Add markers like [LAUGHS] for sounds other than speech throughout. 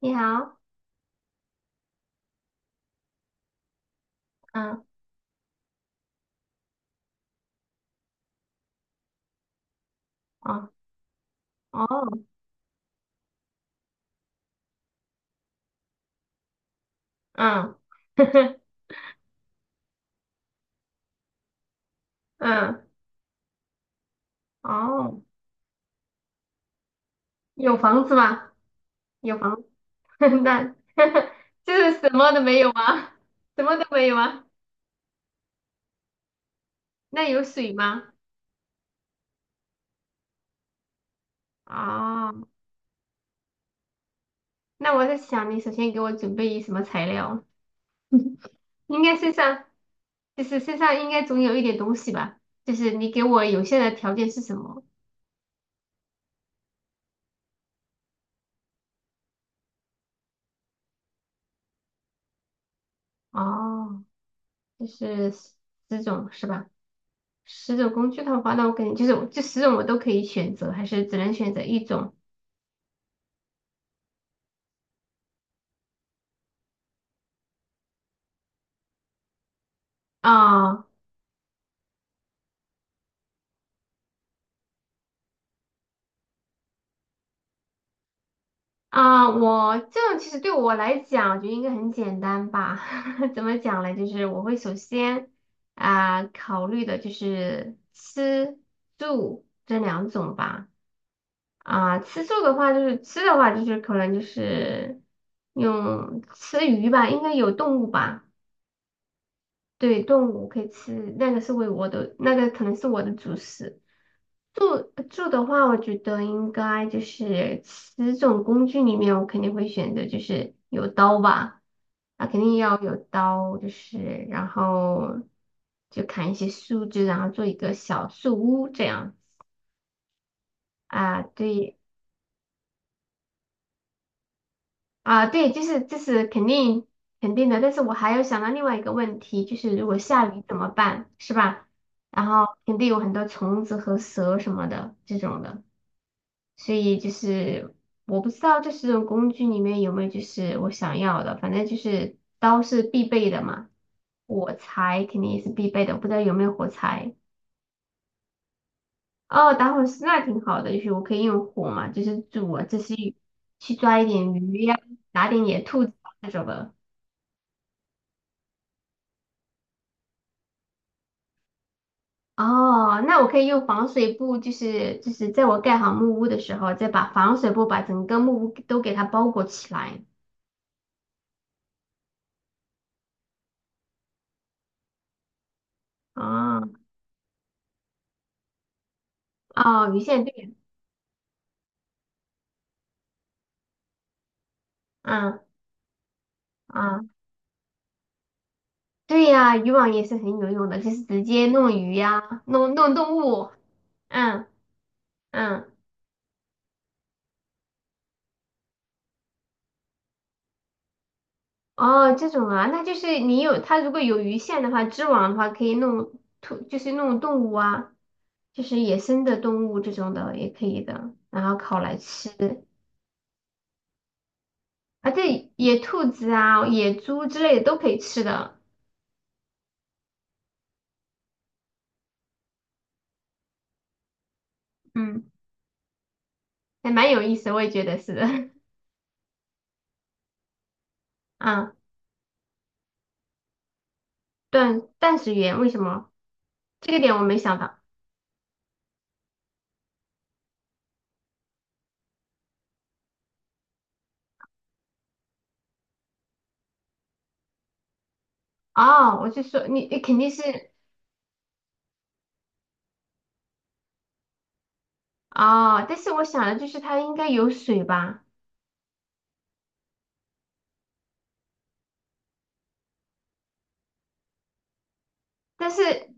你好。嗯。哦。哦。嗯。[LAUGHS] 嗯。哦。有房子吗？有房子。[LAUGHS] 那 [LAUGHS] 就是什么都没有吗？[LAUGHS] 什么都没有啊？那有水吗？哦，那我在想，你首先给我准备什么材料？[LAUGHS] 应该身上，就是身上应该总有一点东西吧？就是你给我有限的条件是什么？哦，就是十种是吧？十种工具的话，那我肯定就是我这十种我都可以选择，还是只能选择一种。啊啊！我这样其实对我来讲，我觉得应该很简单吧？[LAUGHS] 怎么讲呢？就是我会首先啊、考虑的就是吃住这两种吧。啊、吃住的话就是吃的话就是可能就是用吃鱼吧，应该有动物吧？对，动物可以吃，那个是为我的那个可能是我的主食。住住的话，我觉得应该就是十种工具里面，我肯定会选择就是有刀吧。啊，肯定要有刀，就是然后就砍一些树枝，然后做一个小树屋这样。啊，对。啊，对，就是这是肯定的，但是我还有想到另外一个问题，就是如果下雨怎么办，是吧？然后肯定有很多虫子和蛇什么的这种的。所以就是我不知道这十种工具里面有没有就是我想要的，反正就是刀是必备的嘛，火柴肯定也是必备的，我不知道有没有火柴。哦，打火石那挺好的，就是我可以用火嘛，就是煮啊，这些去抓一点鱼呀、打点野兔子啊那种的。哦，那我可以用防水布，就是在我盖好木屋的时候，再把防水布把整个木屋都给它包裹起来。啊，哦，鱼线对。嗯嗯。对呀，渔网也是很有用的，就是直接弄鱼呀、弄弄动物。嗯嗯。哦，这种啊，那就是你有它如果有鱼线的话，织网的话可以弄兔，就是弄动物啊，就是野生的动物这种的也可以的，然后烤来吃。啊，对，野兔子啊、野猪之类的都可以吃的。嗯，还蛮有意思，我也觉得是的。[LAUGHS] 啊，断食源为什么？这个点我没想到。哦，我就说你肯定是。哦，但是我想的就是它应该有水吧，但是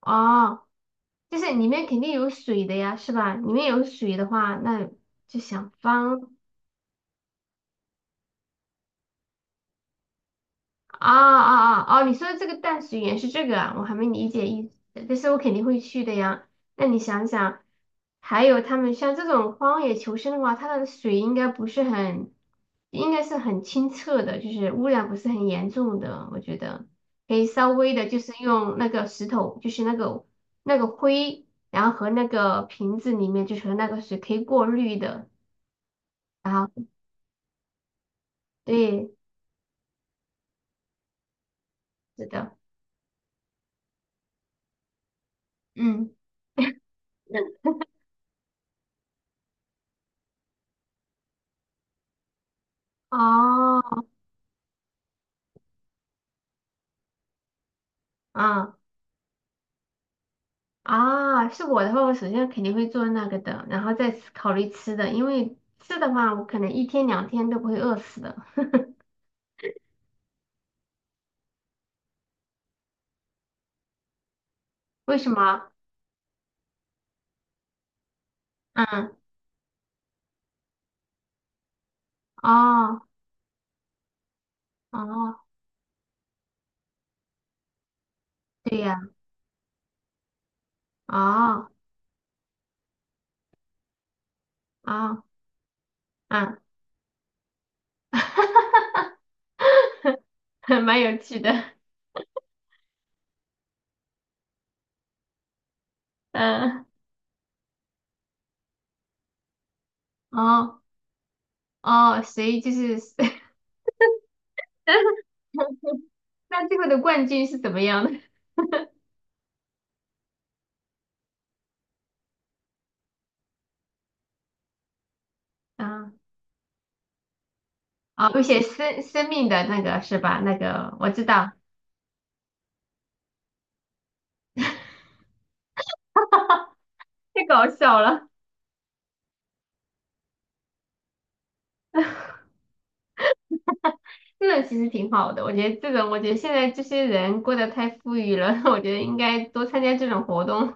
哦，就是里面肯定有水的呀，是吧？里面有水的话，那就想方。啊啊啊！哦，你说的这个淡水园是这个啊，我还没理解意思，但是我肯定会去的呀。那你想想，还有他们像这种荒野求生的话，它的水应该不是很，应该是很清澈的，就是污染不是很严重的，我觉得可以稍微的，就是用那个石头，就是那个灰，然后和那个瓶子里面就是那个水可以过滤的，然后对，是的。嗯。嗯。哦。啊。啊，是我的话，我首先肯定会做那个的，然后再思考虑吃的，因为吃的话，我可能一天两天都不会饿死的。为什么？嗯。哦。哦，对呀。哦。哦。嗯。[LAUGHS] 蛮有趣的。嗯。哦。哦，所以就是，[LAUGHS] 那最后的冠军是怎么样的？啊，哦，有写生生命的那个是吧？那个我知道。太搞笑了。那其实挺好的，我觉得这种，我觉得现在这些人过得太富裕了，[LAUGHS] 我觉得应该多参加这种活动。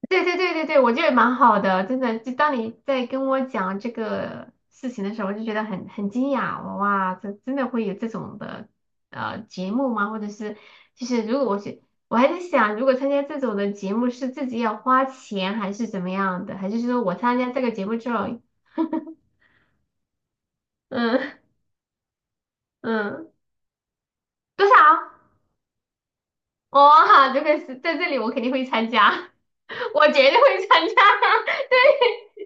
[LAUGHS] 对对对对对，我觉得蛮好的，真的。就当你在跟我讲这个事情的时候，我就觉得很惊讶，哇，这真的会有这种的节目吗？或者是就是如果我是我还在想，如果参加这种的节目是自己要花钱还是怎么样的，还是说我参加这个节目之后，嗯嗯，多少？哇，这个是在这里，我肯定会参加，[LAUGHS] 我绝对会参加。[LAUGHS] 对。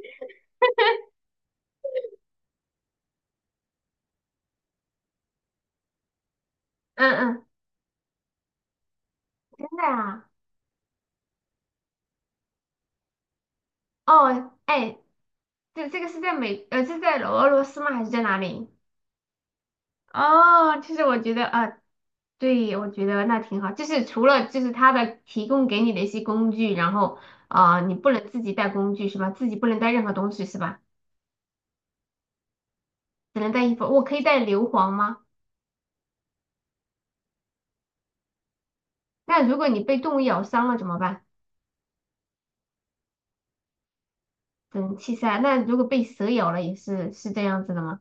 嗯嗯。真的啊。哦，哎，这个是是在俄罗斯吗？还是在哪里？哦，其实我觉得啊，对，我觉得那挺好。就是除了就是他的提供给你的一些工具，然后啊、你不能自己带工具是吧？自己不能带任何东西是吧？只能带衣服。我可以带硫磺吗？那如果你被动物咬伤了怎么办？等气塞。那如果被蛇咬了也是这样子的吗？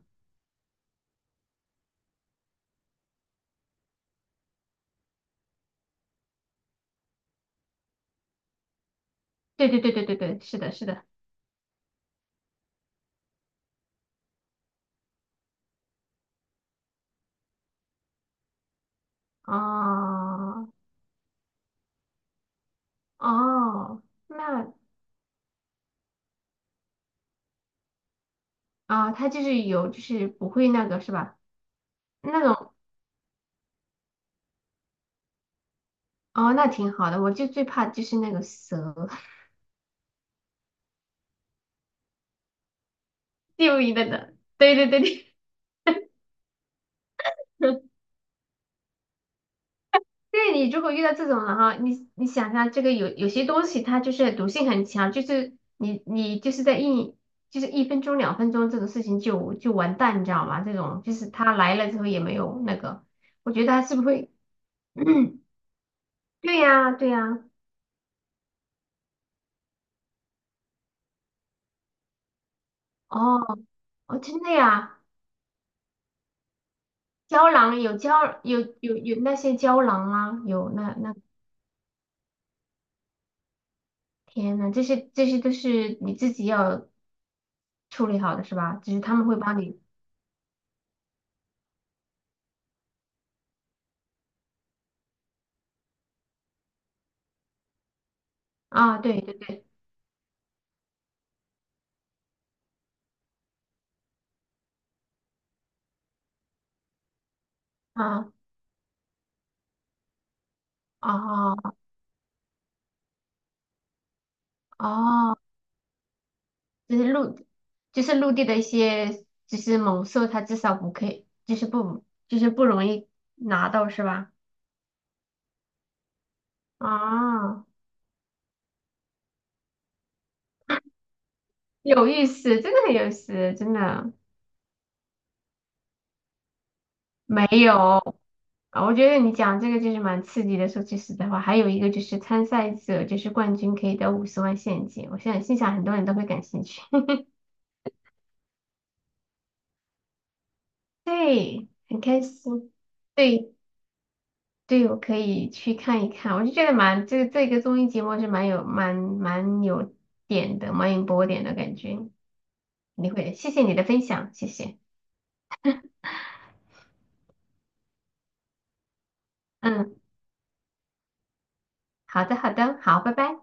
对对对对对对，是的，是的。哦哦，那啊，它就是有，就是不会那个是吧？那种。哦，那挺好的。我就最怕就是那个蛇。[LAUGHS] 就你的，对对对对。[LAUGHS] 对你如果遇到这种，人哈，你想下这个有些东西它就是毒性很强，就是你就是就是一分钟两分钟这种事情就完蛋，你知道吗？这种就是他来了之后也没有那个，我觉得他是不是会？[CLEARS THROAT] 对呀对呀。哦哦，真的呀。胶囊有那些胶囊啊，有那那天呐，这些都是你自己要处理好的是吧？只是他们会帮你。啊，对对对。啊。哦。哦，就是陆，就是陆地的一些，就是猛兽，它至少不可以，就是不容易拿到，是吧？啊，有意思，真的很有意思，真的。没有啊。我觉得你讲这个就是蛮刺激的。说句实在话，还有一个就是参赛者就是冠军可以得50万现金，我现在心想很多人都会感兴趣。[LAUGHS] 对，很开心。对。对，我可以去看一看，我就觉得蛮这个综艺节目是蛮有点的，蛮有波点的感觉。你会，谢谢你的分享，谢谢。嗯，好的好的，好，拜拜。